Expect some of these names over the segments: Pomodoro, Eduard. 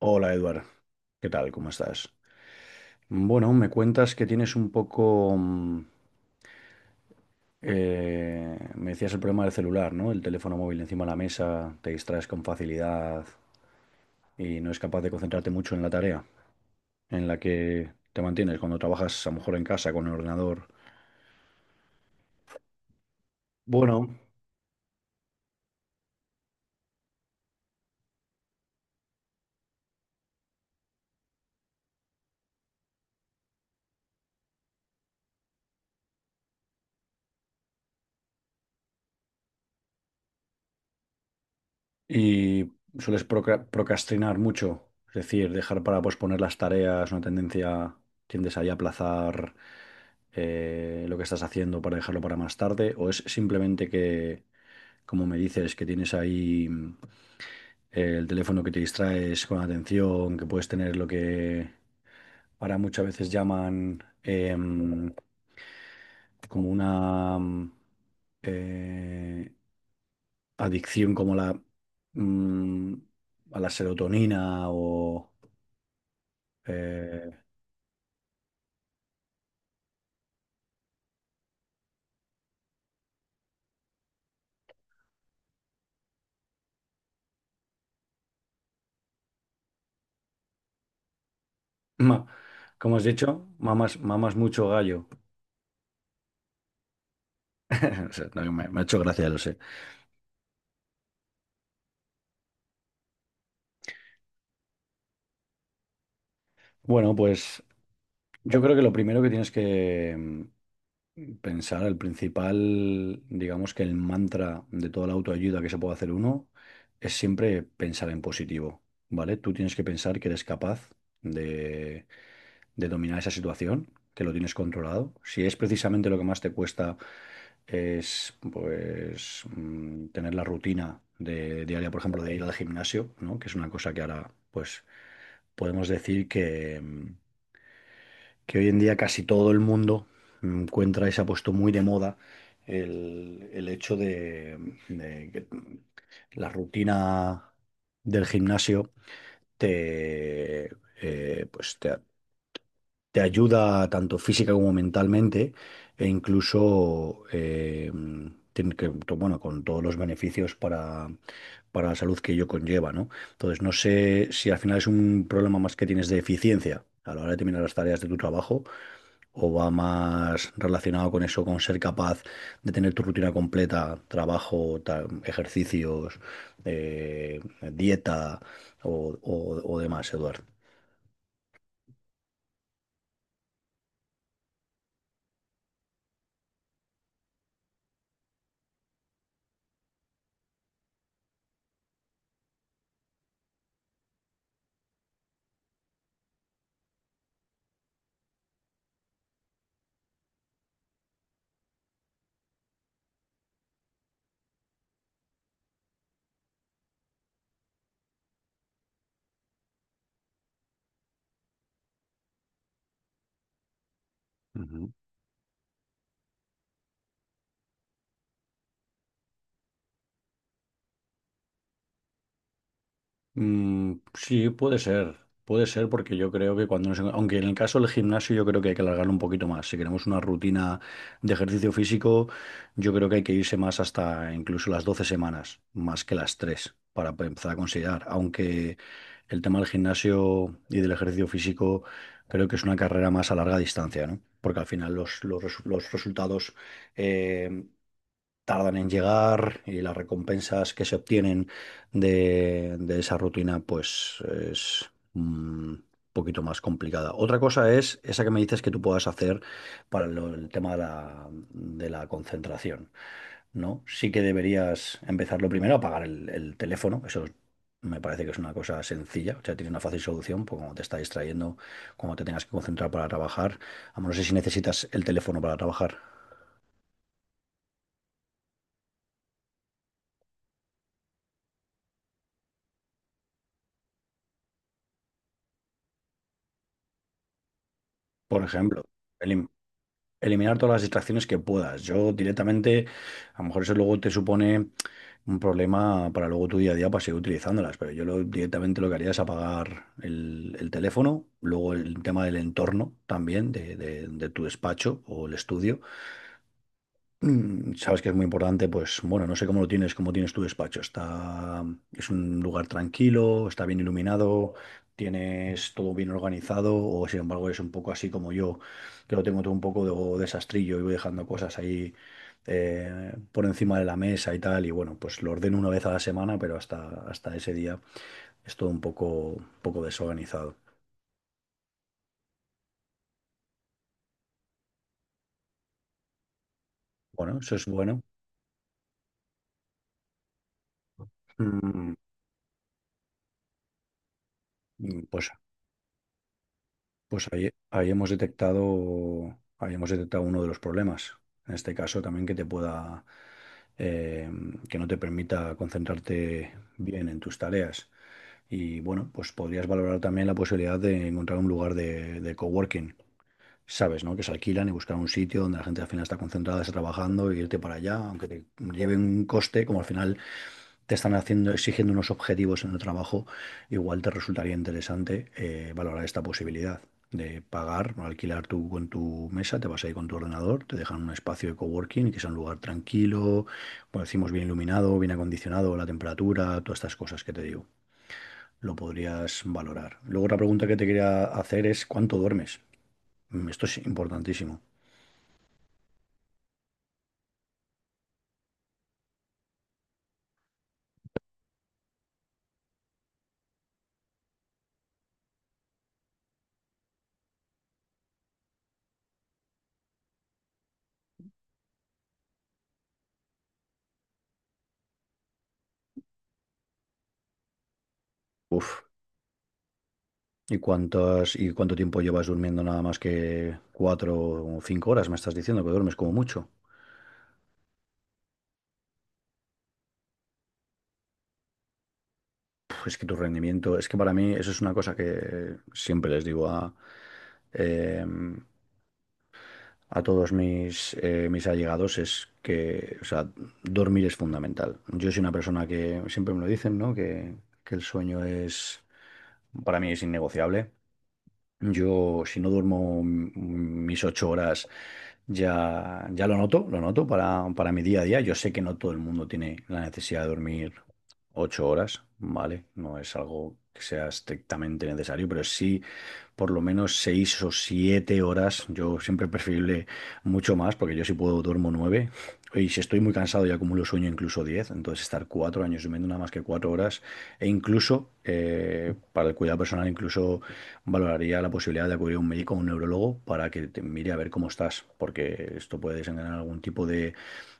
Hola Eduard, ¿qué tal? ¿Cómo estás? Bueno, me cuentas que tienes un poco. Me decías el problema del celular, ¿no? El teléfono móvil encima de la mesa, te distraes con facilidad y no es capaz de concentrarte mucho en la tarea en la que te mantienes cuando trabajas a lo mejor en casa con el ordenador. Bueno. Y sueles procrastinar mucho, es decir, dejar para posponer las tareas, una tendencia, tiendes ahí a aplazar lo que estás haciendo para dejarlo para más tarde, o es simplemente que, como me dices, que tienes ahí el teléfono, que te distraes con atención, que puedes tener lo que ahora muchas veces llaman como una eh, adicción, como la mm, a la serotonina o. eh, ma- como has dicho, mamas, mamas mucho gallo. O sea, no, me ha hecho gracia, lo sé. Bueno, pues yo creo que lo primero que tienes que pensar, el principal, digamos que el mantra de toda la autoayuda que se puede hacer uno, es siempre pensar en positivo, ¿vale? Tú tienes que pensar que eres capaz de, de dominar esa situación, que lo tienes controlado. Si es precisamente lo que más te cuesta es, pues, tener la rutina de diaria, por ejemplo, de ir al gimnasio, ¿no? Que es una cosa que ahora, pues, podemos decir que hoy en día casi todo el mundo encuentra, y se ha puesto muy de moda el hecho de que la rutina del gimnasio te, pues te ayuda tanto física como mentalmente, e incluso tiene que, bueno, con todos los beneficios para la salud que ello conlleva, ¿no? Entonces, no sé si al final es un problema más que tienes de eficiencia a la hora de terminar las tareas de tu trabajo, o va más relacionado con eso, con ser capaz de tener tu rutina completa, trabajo, ejercicios, eh, dieta o demás, Eduardo. Mm, sí, puede ser. Puede ser porque yo creo que cuando nos. Aunque en el caso del gimnasio, yo creo que hay que alargarlo un poquito más. Si queremos una rutina de ejercicio físico, yo creo que hay que irse más, hasta incluso las 12 semanas, más que las tres, para empezar a considerar. Aunque el tema del gimnasio y del ejercicio físico, creo que es una carrera más a larga distancia, ¿no? Porque al final los, los resultados. eh, tardan en llegar, y las recompensas que se obtienen de esa rutina, pues, es un poquito más complicada. Otra cosa es esa que me dices que tú puedas hacer para el tema de la, concentración, ¿no? Sí que deberías empezar lo primero a apagar el teléfono. Eso me parece que es una cosa sencilla, o sea, tiene una fácil solución, porque cuando te está distrayendo, cuando te tengas que concentrar para trabajar, a no sé si necesitas el teléfono para trabajar, por ejemplo. el, Eliminar todas las distracciones que puedas. Yo, directamente, a lo mejor eso luego te supone un problema para luego tu día a día, para seguir utilizándolas, pero yo directamente lo que haría es apagar el teléfono. Luego, el tema del entorno también, de tu despacho o el estudio. Mm, sabes que es muy importante. Pues, bueno, no sé cómo lo tienes, cómo tienes tu despacho. Es un lugar tranquilo, está bien iluminado, tienes todo bien organizado, o sin embargo es un poco así como yo, que lo tengo todo un poco desastrillo, y voy dejando cosas ahí por encima de la mesa y tal. Y bueno, pues lo ordeno una vez a la semana, pero hasta ese día es todo un poco desorganizado. Bueno, eso es bueno. Mm, mm, Pues Pues ahí hemos detectado uno de los problemas. En este caso, también, eh, que no te permita concentrarte bien en tus tareas. Y bueno, pues podrías valorar también la posibilidad de encontrar un lugar de coworking, sabes, ¿no? Que se alquilan, y buscar un sitio donde la gente al final está concentrada, está trabajando, y irte para allá. Aunque te lleve un coste, como al final te están haciendo, exigiendo unos objetivos en el trabajo, igual te resultaría interesante valorar esta posibilidad de pagar o alquilar tú con tu mesa, te vas ahí con tu ordenador, te dejan un espacio de coworking que sea un lugar tranquilo, como decimos, bien iluminado, bien acondicionado, la temperatura, todas estas cosas que te digo, lo podrías valorar. Luego, otra pregunta que te quería hacer es: ¿cuánto duermes? Esto es importantísimo. Uf. ¿Y cuántas, y cuánto tiempo llevas durmiendo nada más que 4 o 5 horas? Me estás diciendo que duermes, como mucho. Puf, es que tu rendimiento, es que para mí eso es una cosa que siempre les digo eh, a todos mis allegados, es que, o sea, dormir es fundamental. Yo soy una persona que siempre me lo dicen, ¿no? Que el sueño es, para mí es innegociable. Yo, si no duermo mis 8 horas, ya, ya lo noto para mi día a día. Yo sé que no todo el mundo tiene la necesidad de dormir 8 horas, ¿vale? No es algo que sea estrictamente necesario, pero sí por lo menos 6 o 7 horas. Yo siempre preferible mucho más, porque yo, si puedo, duermo nueve. Y si estoy muy cansado y acumulo sueño, incluso diez. Entonces, estar 4 años durmiendo nada más que 4 horas. E incluso para el cuidado personal, incluso valoraría la posibilidad de acudir a un médico o un neurólogo para que te mire, a ver cómo estás, porque esto puede desencadenar algún tipo de,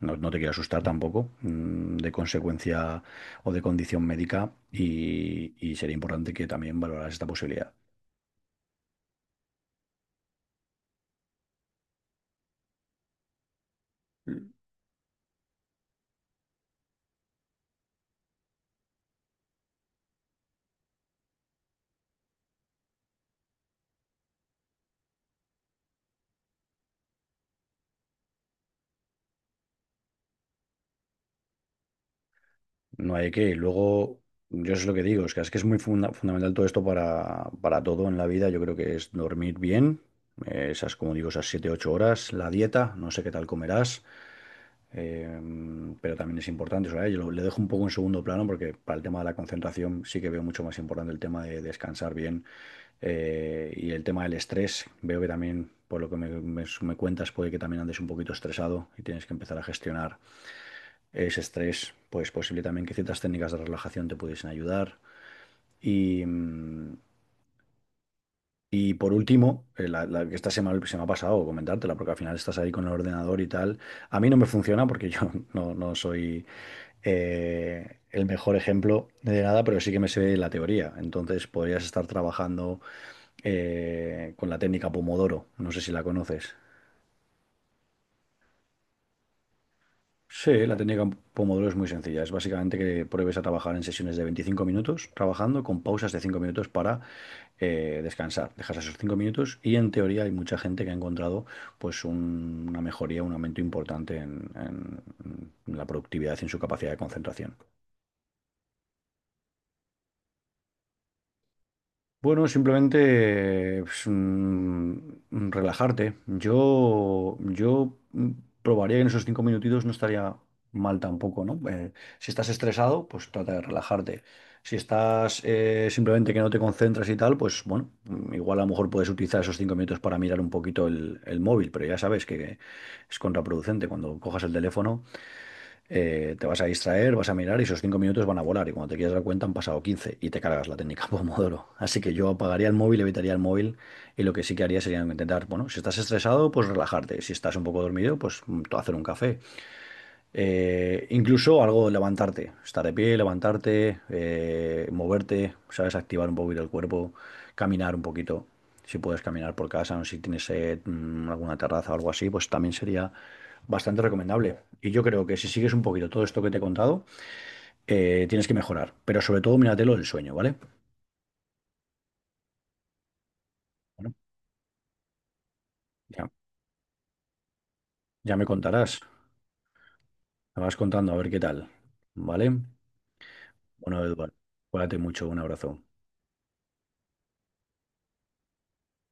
no, no te quiero asustar tampoco, de consecuencia o de condición médica, y sería importante que también valoraras esta posibilidad. No hay que. Y luego, yo es lo que digo, es que, es que es muy fundamental todo esto para todo en la vida. Yo creo que es dormir bien, esas, como digo, esas siete ocho horas, la dieta, no sé qué tal comerás, eh, pero también es importante. Eso, yo le dejo un poco en segundo plano, porque para el tema de la concentración sí que veo mucho más importante el tema de descansar bien, y el tema del estrés. Veo que también, por lo que me, me cuentas, puede que también andes un poquito estresado, y tienes que empezar a gestionar es estrés, pues posible también que ciertas técnicas de relajación te pudiesen ayudar. Y, mm, y por último, la, la que esta se me ha pasado comentártela, porque al final estás ahí con el ordenador y tal. A mí no me funciona porque yo no, no soy el mejor ejemplo de nada, pero sí que me sé la teoría. Entonces, podrías estar trabajando con la técnica Pomodoro. No sé si la conoces. Sí, la técnica Pomodoro es muy sencilla. Es básicamente que pruebes a trabajar en sesiones de 25 minutos, trabajando con pausas de 5 minutos para descansar. Dejas esos 5 minutos y, en teoría, hay mucha gente que ha encontrado, pues, una mejoría, un aumento importante en, en la productividad y en su capacidad de concentración. Bueno, simplemente pues, relajarte. Yo probaría que en esos 5 minutitos no estaría mal tampoco, ¿no? Si estás estresado, pues trata de relajarte. Si estás simplemente que no te concentras y tal, pues, bueno, igual a lo mejor puedes utilizar esos 5 minutos para mirar un poquito el móvil, pero ya sabes que es contraproducente, cuando cojas el teléfono te vas a distraer, vas a mirar, y esos 5 minutos van a volar. Y cuando te quieres dar cuenta, han pasado 15 y te cargas la técnica Pomodoro. Así que yo apagaría el móvil, evitaría el móvil, y lo que sí que haría sería intentar, bueno, si estás estresado, pues relajarte. Si estás un poco dormido, pues hacer un café. Incluso algo, levantarte, estar de pie, levantarte, moverte, ¿sabes? Activar un poquito el cuerpo, caminar un poquito. Si puedes caminar por casa, o si tienes alguna terraza o algo así, pues también sería bastante recomendable. Y yo creo que si sigues un poquito todo esto que te he contado, tienes que mejorar. Pero sobre todo, míratelo del sueño, ¿vale? Bueno, ya, ya me contarás. Me vas contando, a ver qué tal. ¿Vale? Bueno, Eduardo, cuídate mucho. Un abrazo.